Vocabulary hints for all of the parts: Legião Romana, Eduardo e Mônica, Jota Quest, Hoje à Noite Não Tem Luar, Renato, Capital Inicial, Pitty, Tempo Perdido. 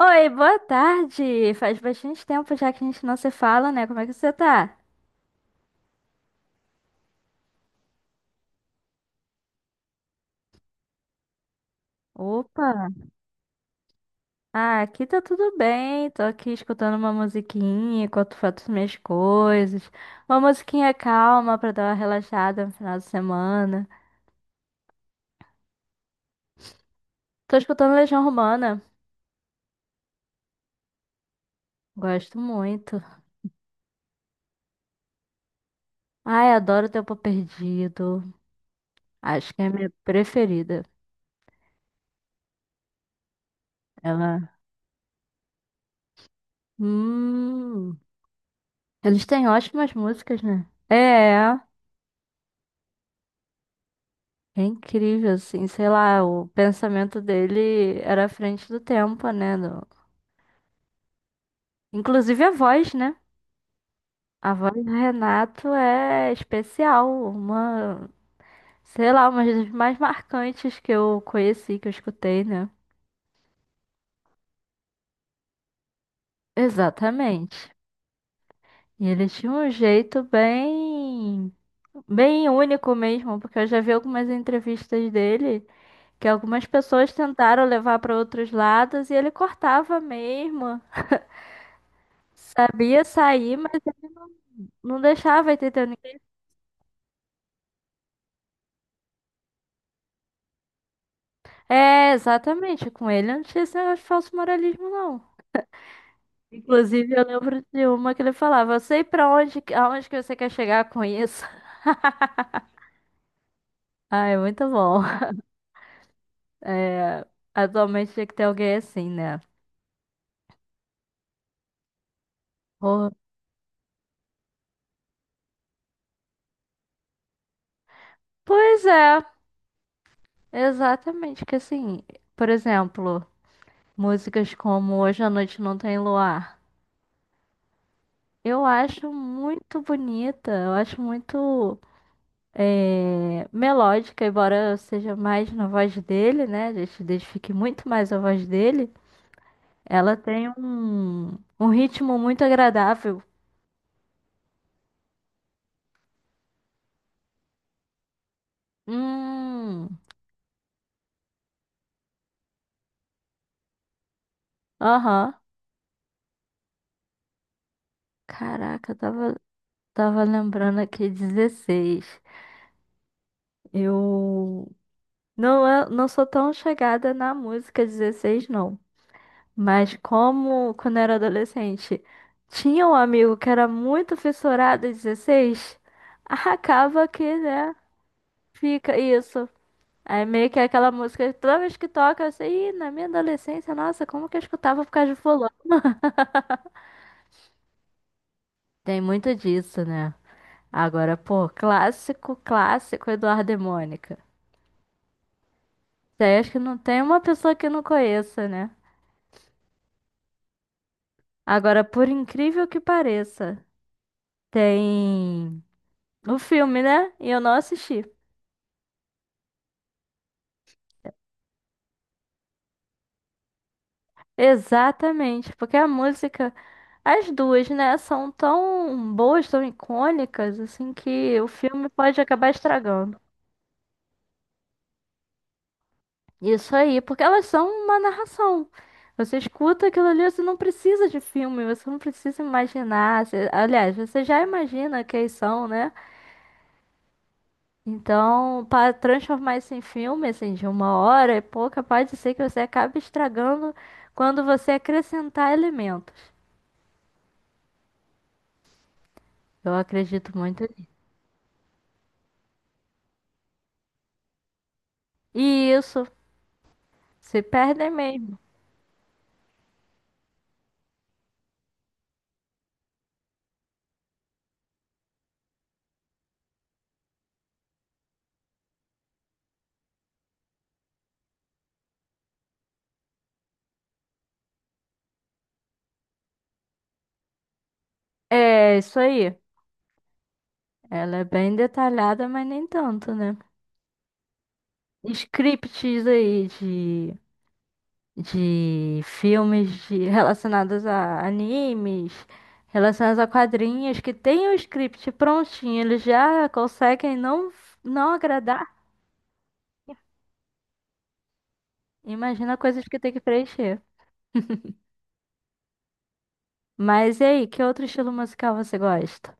Oi, boa tarde. Faz bastante tempo já que a gente não se fala, né? Como é que você tá? Opa! Ah, aqui tá tudo bem. Tô aqui escutando uma musiquinha enquanto faço minhas coisas. Uma musiquinha calma pra dar uma relaxada no final de semana. Tô escutando Legião Romana. Gosto muito. Ai, adoro Tempo Perdido. Acho que é a minha preferida. Ela. Hum. Eles têm ótimas músicas, né? É. É incrível, assim, sei lá, o pensamento dele era à frente do tempo, né? Inclusive a voz, né? A voz do Renato é especial, sei lá, uma das mais marcantes que eu conheci, que eu escutei, né? Exatamente. E ele tinha um jeito bem, bem único mesmo, porque eu já vi algumas entrevistas dele que algumas pessoas tentaram levar para outros lados e ele cortava mesmo. Sabia sair, mas ele não, não deixava ir tentando. É, exatamente, com ele não tinha esse negócio de falso moralismo, não. Inclusive, eu lembro de uma que ele falava, eu sei pra onde, aonde que você quer chegar com isso. Ah, é muito bom. É, atualmente tinha que ter alguém assim, né? Porra. Pois é, exatamente, que assim, por exemplo, músicas como Hoje à Noite Não Tem Luar. Eu acho muito bonita, eu acho muito. É, melódica, embora eu seja mais na voz dele, né? A gente identifique muito mais a voz dele. Ela tem um ritmo muito agradável. Hum, aham. Caraca, tava lembrando aqui 16. Eu não sou tão chegada na música 16 não. Mas como quando eu era adolescente, tinha um amigo que era muito fissurado em 16, acaba que, né? Fica isso. Aí meio que é aquela música, que toda vez que toca, eu sei, "Ih, na minha adolescência, nossa, como que eu escutava por causa de fulano?" Tem muito disso, né? Agora, pô, clássico, clássico, Eduardo e Mônica. Isso aí acho que não tem uma pessoa que não conheça, né? Agora, por incrível que pareça, tem o filme, né? E eu não assisti. Exatamente, porque a música, as duas, né, são tão boas, tão icônicas, assim, que o filme pode acabar estragando. Isso aí, porque elas são uma narração. Você escuta aquilo ali, você não precisa de filme, você não precisa imaginar. Aliás, você já imagina quem são, né? Então, para transformar isso em filme, assim, de uma hora e pouca, pode ser que você acabe estragando quando você acrescentar elementos. Eu acredito muito nisso. E isso, se perdem mesmo. É, isso aí. Ela é bem detalhada, mas nem tanto, né? Scripts aí de filmes relacionados a animes, relacionados a quadrinhos, que tem o script prontinho, eles já conseguem não, não agradar. Imagina coisas que tem que preencher. Mas e aí, que outro estilo musical você gosta?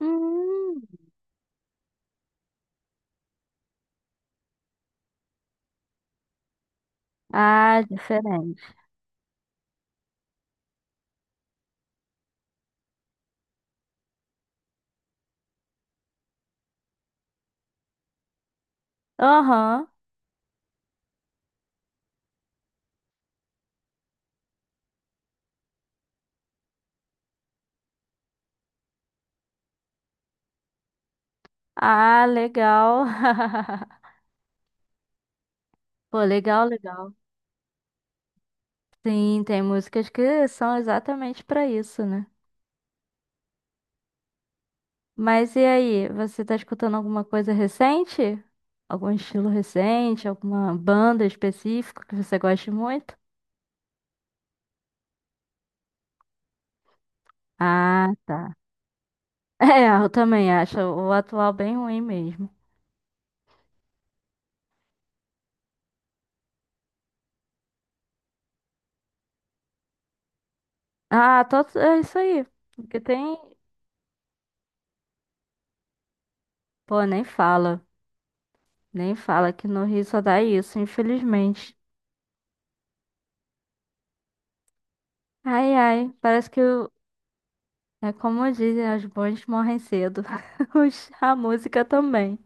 Hum. Ah, diferente. Aham. Ah, legal. Pô, legal, legal. Sim, tem músicas que são exatamente pra isso, né? Mas e aí, você tá escutando alguma coisa recente? Algum estilo recente? Alguma banda específica que você goste muito? Ah, tá. É, eu também acho o atual bem ruim mesmo. Ah, tô, é isso aí. Porque tem. Pô, nem fala. Nem fala que no Rio só dá isso, infelizmente. Ai, ai, parece que é como dizem, os bons morrem cedo. A música também.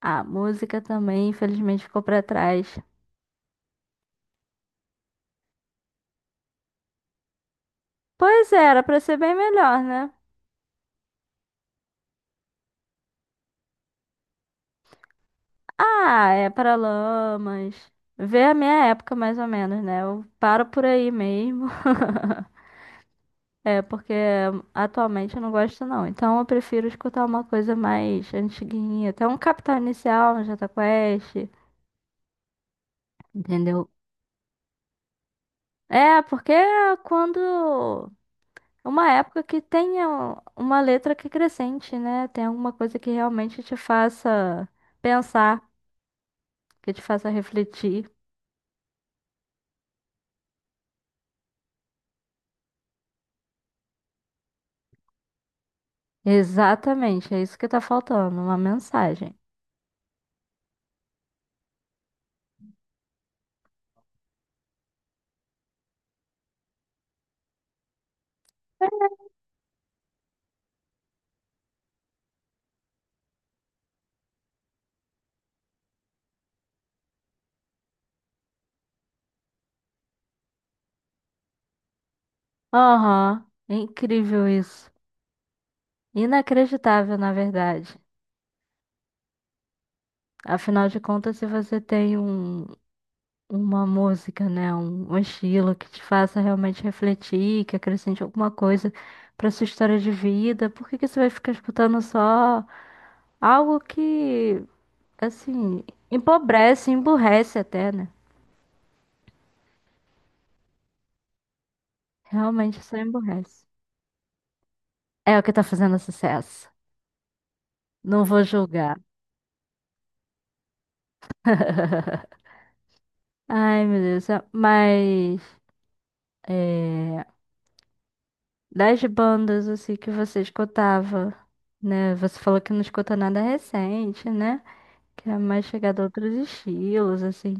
A música também, infelizmente, ficou pra trás. Pois é, era pra ser bem melhor, né? Ah, é para lamas. Vê a minha época mais ou menos, né? Eu paro por aí mesmo. É, porque atualmente eu não gosto não. Então eu prefiro escutar uma coisa mais antiguinha. Até um Capital Inicial, um Jota Quest, entendeu? É, porque é quando... Uma época que tenha uma letra que acrescente, né? Tem alguma coisa que realmente te faça pensar, que te faça refletir. Exatamente, é isso que tá faltando, uma mensagem. Aham, é incrível isso. Inacreditável, na verdade. Afinal de contas, se você tem uma música, né, um estilo que te faça realmente refletir, que acrescente alguma coisa pra sua história de vida, por que que você vai ficar escutando só algo que, assim, empobrece, emburrece até, né? Realmente só emburrece. É o que tá fazendo sucesso. Não vou julgar. Ai, meu Deus. Mas é, das bandas assim que você escutava, né? Você falou que não escuta nada recente, né? Que é mais chegado a outros estilos, assim.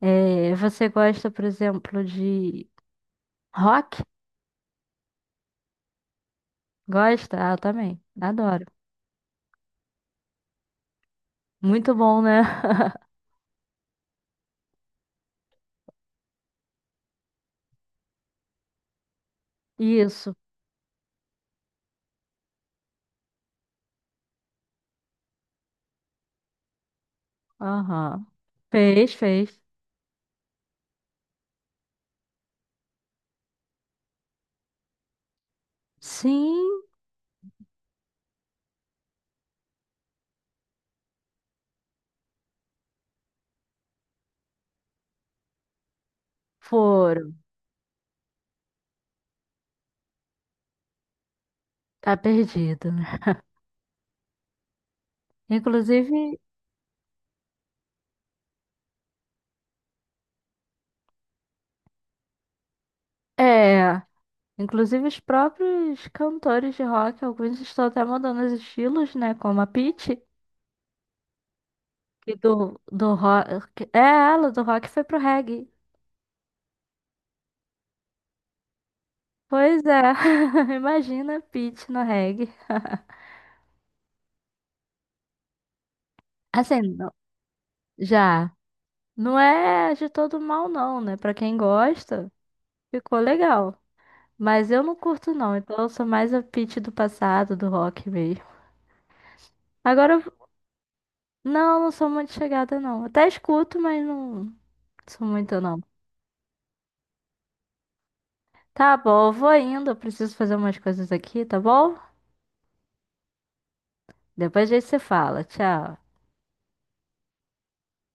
É, você gosta, por exemplo, de rock? Gosta? Ah, eu também. Adoro. Muito bom, né? Isso. Aham. Fez, fez. Sim, foram. Tá perdido. Né? Inclusive, é. Inclusive os próprios cantores de rock, alguns estão até mudando os estilos, né? Como a Pitty, que do rock. É, ela do rock foi pro reggae. Pois é, imagina a Pitty no reggae. Assim, não- já. Não é de todo mal, não, né? Pra quem gosta, ficou legal. Mas eu não curto, não. Então eu sou mais a Pitty do passado, do rock mesmo. Agora, eu- não, não sou muito chegada, não. Até escuto, mas não sou muito, não. Tá bom, eu vou indo. Eu preciso fazer umas coisas aqui, tá bom? Depois a gente se fala. Tchau.